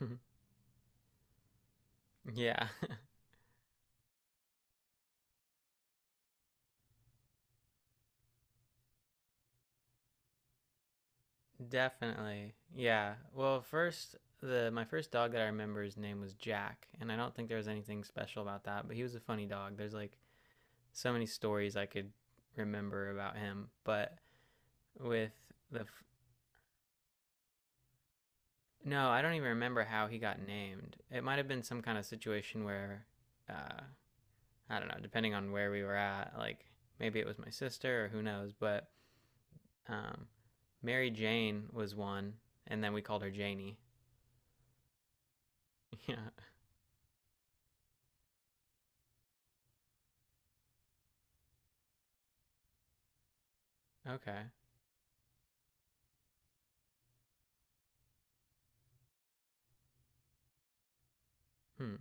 Yeah, definitely. Yeah. Well, first, the my first dog that I remember his name was Jack, and I don't think there was anything special about that, but he was a funny dog. There's like so many stories I could remember about him. But with the f- no, I don't even remember how he got named. It might have been some kind of situation where uh I don't know, depending on where we were at. Like, maybe it was my sister or who knows. But um Mary Jane was one, and then we called her Janie. Yeah. Okay. Hmm.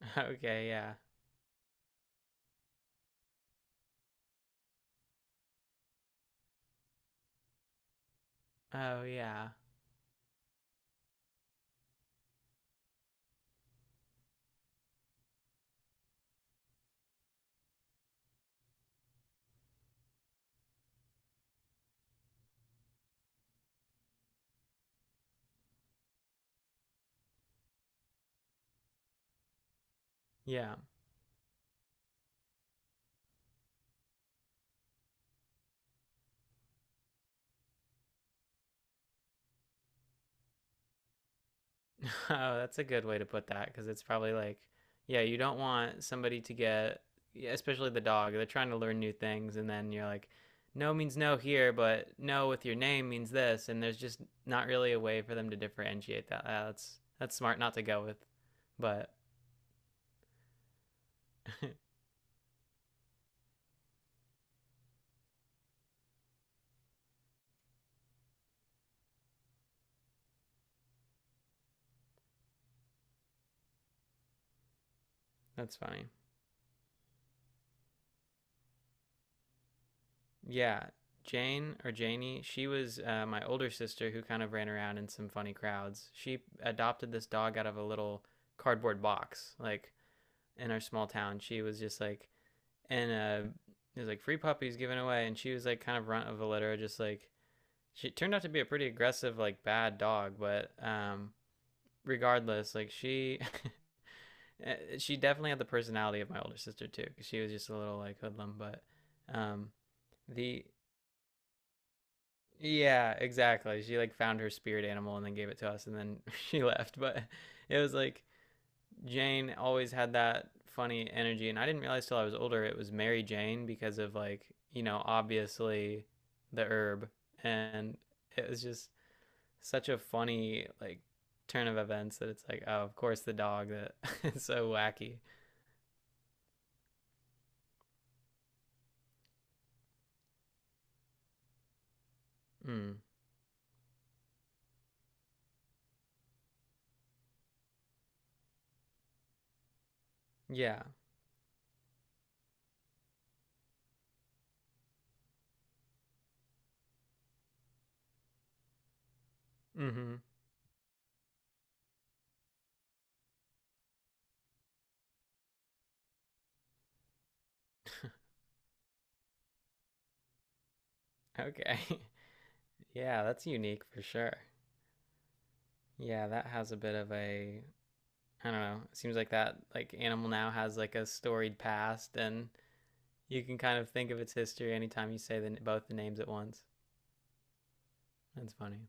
Okay. Yeah. Oh, yeah. Yeah. Oh, that's a good way to put that, because it's probably like, yeah, you don't want somebody to get, yeah, especially the dog, they're trying to learn new things. And then you're like, no means no here, but no with your name means this. And there's just not really a way for them to differentiate that. Ah, that's smart not to go with. But that's funny. Yeah, Jane or Janie, she was my older sister who kind of ran around in some funny crowds. She adopted this dog out of a little cardboard box, like in our small town. She was just like, and it was like free puppies given away, and she was like kind of runt of the litter. Just like, she turned out to be a pretty aggressive, like bad dog. But regardless, like, she, she definitely had the personality of my older sister too, because she was just a little like hoodlum. But um, the Yeah, exactly. She like found her spirit animal and then gave it to us, and then she left. But it was like, Jane always had that funny energy, and I didn't realize till I was older it was Mary Jane because of like, you know, obviously the herb. And it was just such a funny like turn of events that it's like, oh, of course the dog that is so wacky. Mm. Yeah. Mhm. Okay. Yeah, that's unique for sure. Yeah, that has a bit of a, I don't know. It seems like that, like, Animal Now has like a storied past, and you can kind of think of its history anytime you say the, both the names at once. That's funny.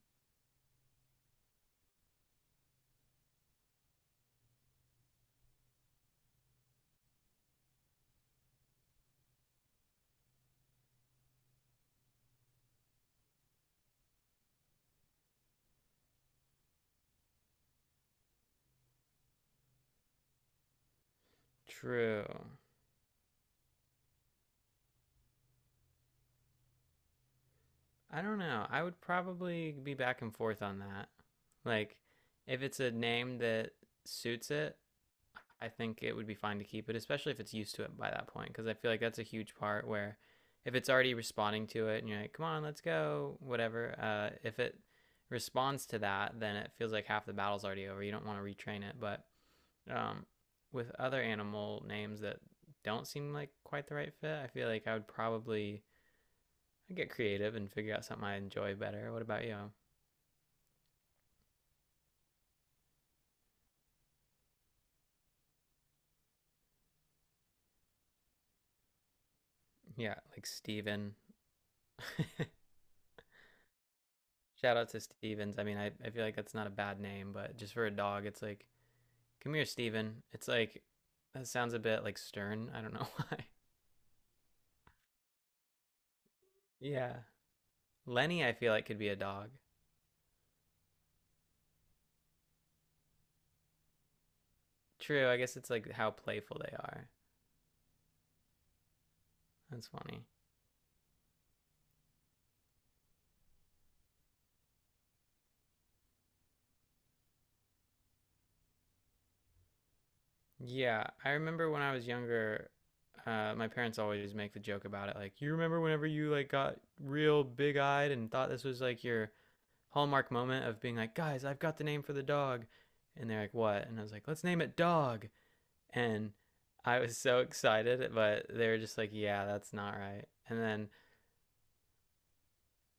True. I don't know. I would probably be back and forth on that. Like, if it's a name that suits it, I think it would be fine to keep it, especially if it's used to it by that point, because I feel like that's a huge part. Where, if it's already responding to it and you're like, come on, let's go, whatever, if it responds to that, then it feels like half the battle's already over. You don't want to retrain it. But um, with other animal names that don't seem like quite the right fit, I feel like I would probably, I'd get creative and figure out something I enjoy better. What about you? Yeah, like Steven. Shout out to Stevens. I mean, I feel like that's not a bad name, but just for a dog, it's like, come here, Steven. It's like that sounds a bit like stern. I don't know why. Yeah. Lenny, I feel like could be a dog. True, I guess it's like how playful they are. That's funny. Yeah, I remember when I was younger, my parents always make the joke about it. Like, you remember whenever you like got real big eyed and thought this was like your hallmark moment of being like, guys, I've got the name for the dog, and they're like, what? And I was like, let's name it Dog. And I was so excited, but they were just like, "Yeah, that's not right." And then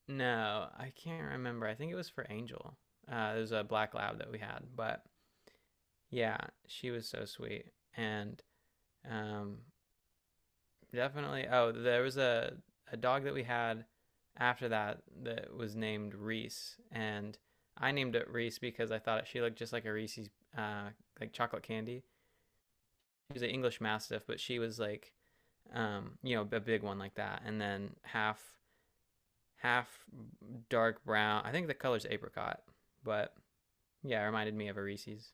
no, I can't remember. I think it was for Angel. It was a black lab that we had. But yeah, she was so sweet, and um, definitely. Oh, there was a dog that we had after that that was named Reese, and I named it Reese because I thought she looked just like a Reese's, uh, like chocolate candy. He was an English Mastiff, but she was like, you know, a big one like that, and then half dark brown. I think the color's apricot, but yeah, it reminded me of a Reese's.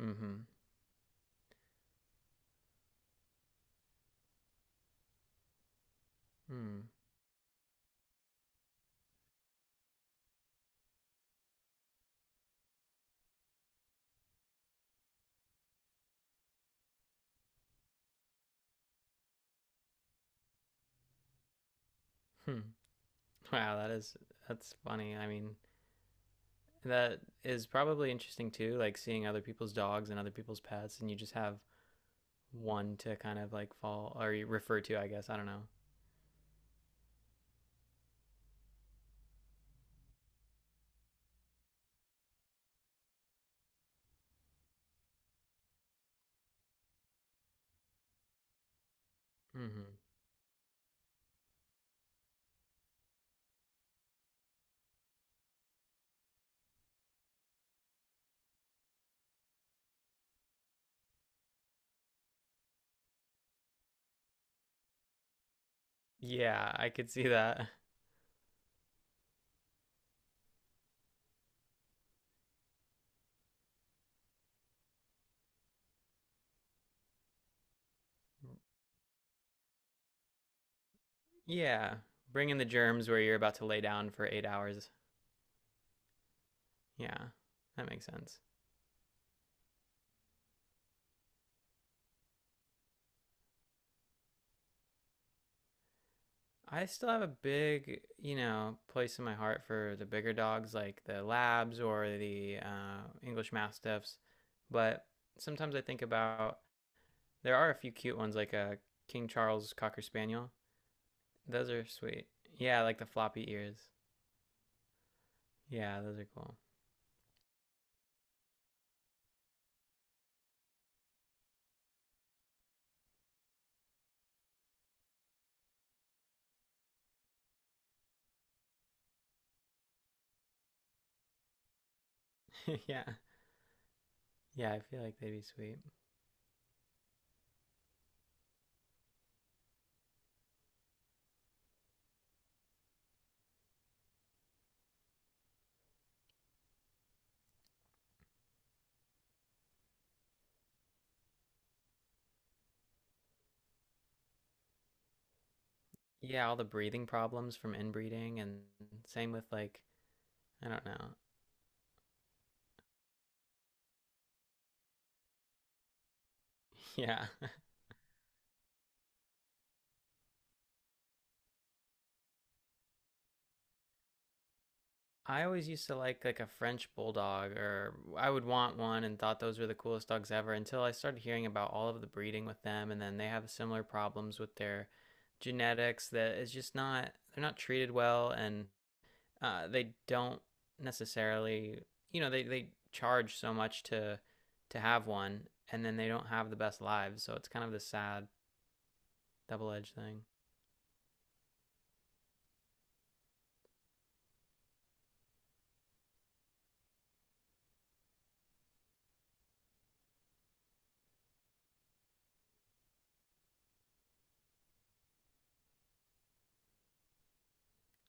Mm-hmm. Mm. Hmm. Wow, that is that's funny. I mean, that is probably interesting too, like seeing other people's dogs and other people's pets, and you just have one to kind of like fall or refer to, I guess. I don't know. Mm-hmm. Yeah, I could see that. Yeah. Bring in the germs where you're about to lay down for 8 hours. Yeah. That makes sense. I still have a big, you know, place in my heart for the bigger dogs like the labs or the English Mastiffs. But sometimes I think about, there are a few cute ones like a King Charles Cocker Spaniel. Those are sweet. Yeah, like the floppy ears. Yeah, those are cool. Yeah. Yeah, I feel like they'd be sweet. Yeah, all the breathing problems from inbreeding and same with like, I don't know. Yeah. I always used to like a French bulldog or I would want one and thought those were the coolest dogs ever, until I started hearing about all of the breeding with them, and then they have similar problems with their genetics, that is just not, they're not treated well. And they don't necessarily, you know, they charge so much to have one, and then they don't have the best lives. So it's kind of the sad double-edged thing.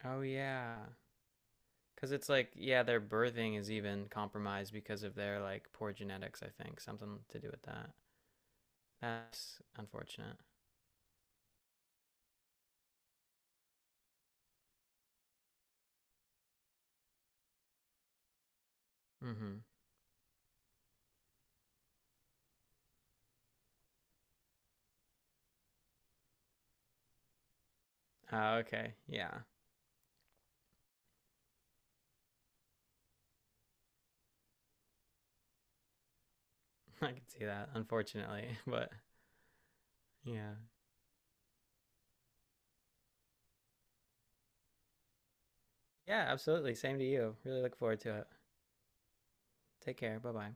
Oh yeah. Because it's like, yeah, their birthing is even compromised because of their like poor genetics, I think. Something to do with that. That's unfortunate. Mm-hmm. Oh, okay. Yeah. I can see that, unfortunately. But yeah. Yeah, absolutely. Same to you. Really look forward to it. Take care. Bye bye.